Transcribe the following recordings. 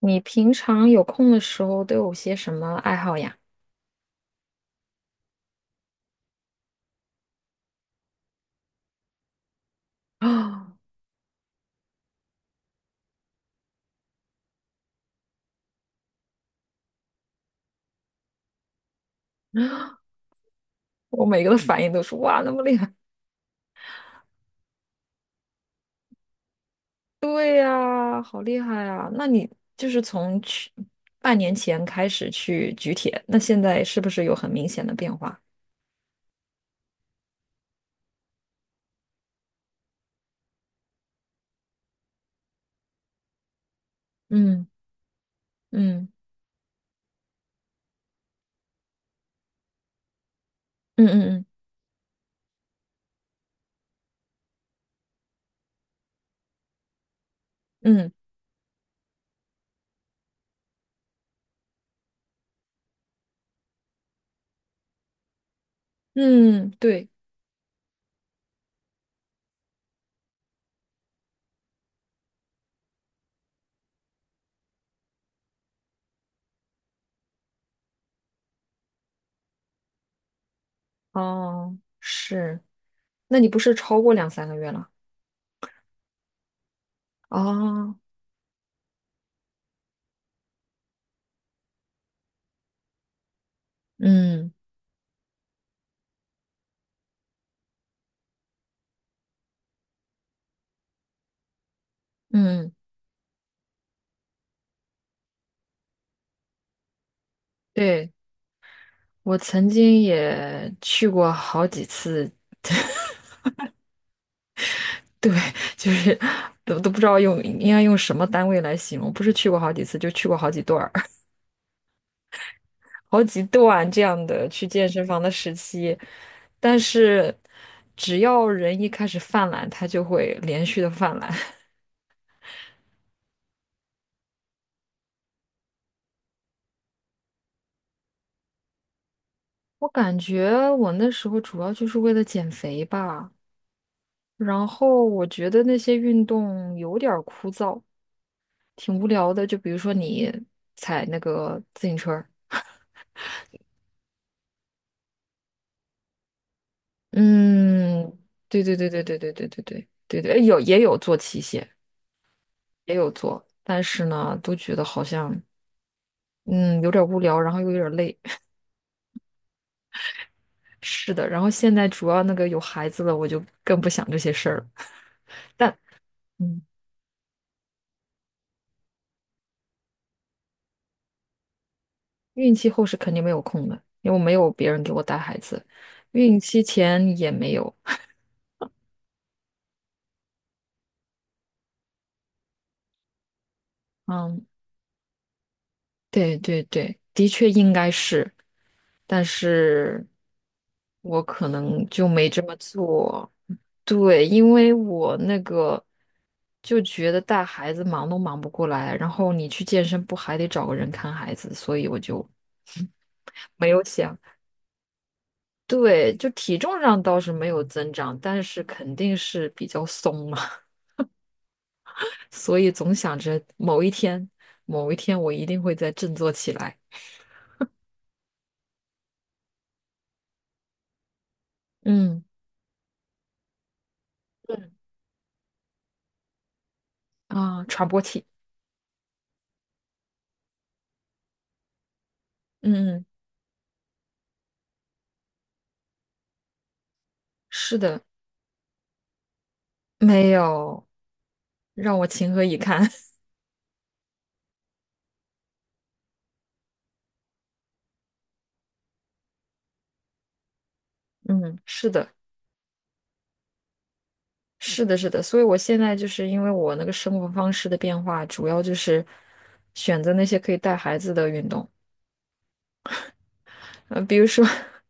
你平常有空的时候都有些什么爱好呀？啊，我每个的反应都是哇，那么厉害！对呀，好厉害啊！那你就是从去半年前开始去举铁，那现在是不是有很明显的变化？嗯嗯嗯嗯嗯嗯嗯，对，哦，是。那你不是超过两三个月了？哦，嗯嗯，对，我曾经也去过好几次 对，就是都不知道用应该用什么单位来形容，不是去过好几次，就去过好几段儿，好几段这样的去健身房的时期。但是只要人一开始犯懒，他就会连续的犯懒。我感觉我那时候主要就是为了减肥吧，然后我觉得那些运动有点儿枯燥，挺无聊的。就比如说你踩那个自行车儿，嗯，对对对对对对对对对对对，哎有也有做器械，也有做，但是呢，都觉得好像嗯有点无聊，然后又有点累。是的，然后现在主要那个有孩子了，我就更不想这些事儿了。但嗯，孕期后是肯定没有空的，因为我没有别人给我带孩子，孕期前也没有。嗯，对对对，的确应该是，但是我可能就没这么做。对，因为我那个就觉得带孩子忙都忙不过来，然后你去健身不还得找个人看孩子，所以我就 没有想。对，就体重上倒是没有增长，但是肯定是比较松嘛，所以总想着某一天，某一天我一定会再振作起来。嗯嗯啊，喘不过气。嗯嗯，是的，没有，让我情何以堪。嗯，是的。是的，是的，所以我现在就是因为我那个生活方式的变化，主要就是选择那些可以带孩子的运动，呃，比如说，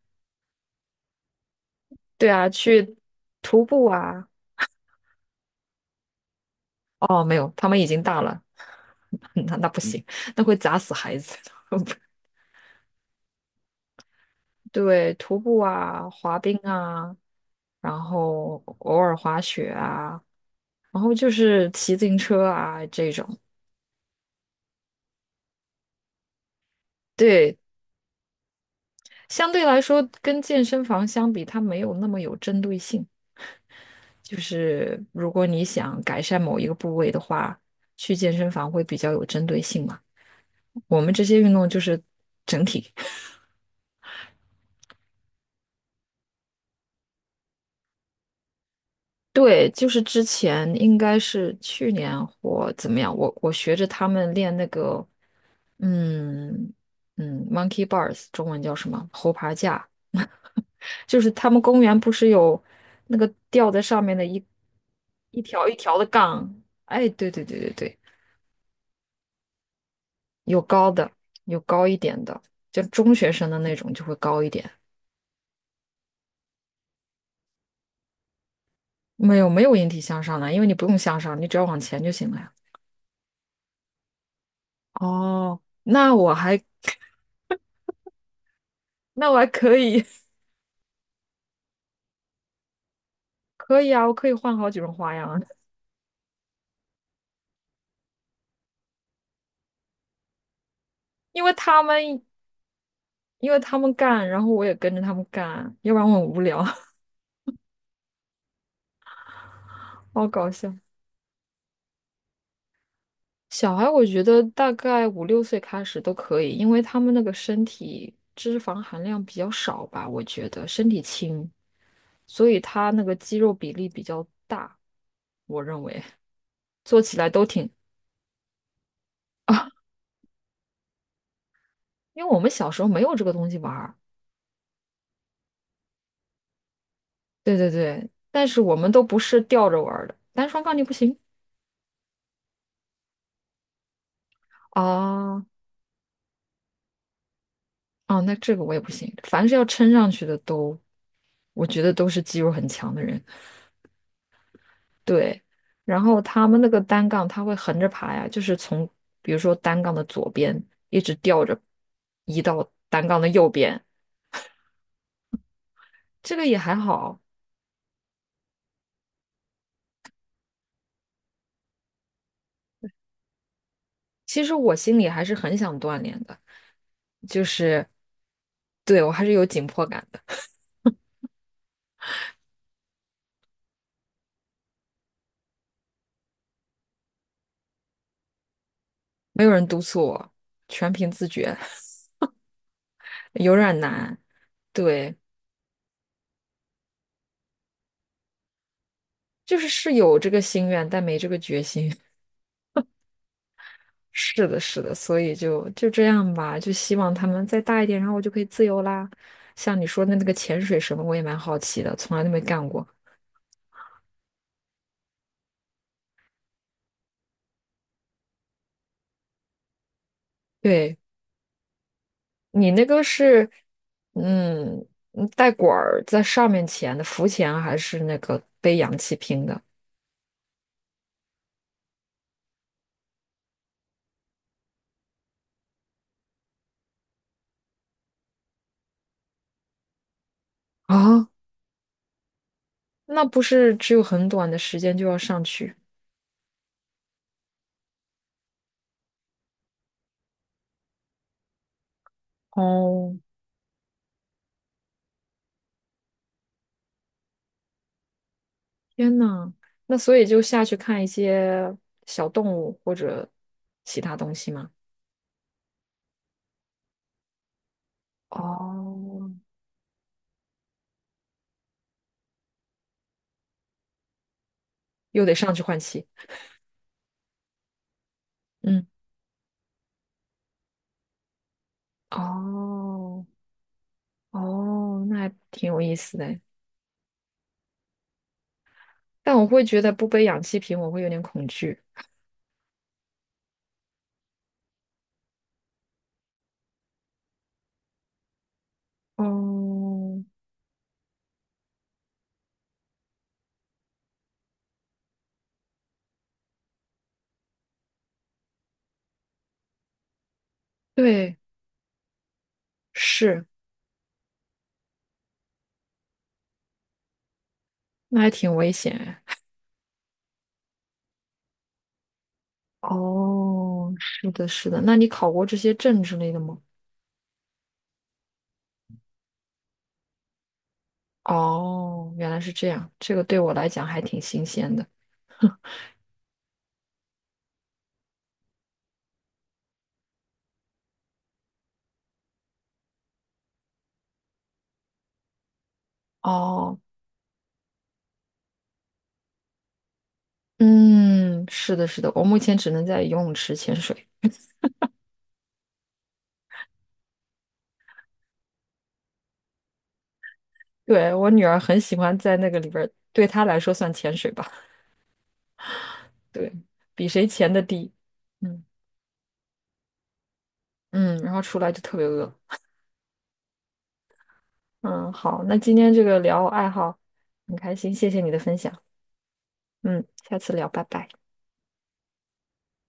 对啊，去徒步啊，哦，没有，他们已经大了，那不行，那会砸死孩子的。对，徒步啊，滑冰啊，然后偶尔滑雪啊，然后就是骑自行车啊这种。对，相对来说，跟健身房相比，它没有那么有针对性。就是如果你想改善某一个部位的话，去健身房会比较有针对性嘛。我们这些运动就是整体，对，就是之前应该是去年或怎么样，我学着他们练那个，嗯嗯，monkey bars，中文叫什么？猴爬架，就是他们公园不是有那个吊在上面的一条一条的杠？哎，对对对对对。有高的，有高一点的，就中学生的那种就会高一点。没有没有引体向上的，因为你不用向上，你只要往前就行了呀。哦，那我还可以，可以啊，我可以换好几种花样啊 因为他们因为他们干，然后我也跟着他们干，要不然我很无聊，好搞笑。小孩我觉得大概五六岁开始都可以，因为他们那个身体脂肪含量比较少吧，我觉得身体轻，所以他那个肌肉比例比较大，我认为做起来都挺，因为我们小时候没有这个东西玩儿，对对对，但是我们都不是吊着玩儿的，单双杠你不行啊啊，那这个我也不行，凡是要撑上去的都，我觉得都是肌肉很强的人，对，然后他们那个单杠他会横着爬呀，就是从比如说单杠的左边一直吊着移到单杠的右边，这个也还好。其实我心里还是很想锻炼的，就是对我还是有紧迫感的，没有人督促我，全凭自觉，有点难。对，就是是有这个心愿，但没这个决心。是的，是的，所以就这样吧，就希望他们再大一点，然后我就可以自由啦。像你说的那个潜水什么，我也蛮好奇的，从来都没干过。对，你那个是，嗯，带管儿在上面潜的浮潜啊，还是那个背氧气瓶的？啊，那不是只有很短的时间就要上去？哦，天呐，那所以就下去看一些小动物或者其他东西吗？哦，又得上去换气。嗯，哦，哦，那还挺有意思的哎。但我会觉得不背氧气瓶，我会有点恐惧。哦，对，是，那还挺危险哎哦，是的，是的。那你考过这些证之类的吗？哦，原来是这样，这个对我来讲还挺新鲜的。哦，嗯，是的，是的，我目前只能在游泳池潜水。对，我女儿很喜欢在那个里边儿，对她来说算潜水吧，对，比谁潜的低。嗯嗯，然后出来就特别饿。嗯，好，那今天这个聊爱好很开心，谢谢你的分享。嗯，下次聊，拜拜。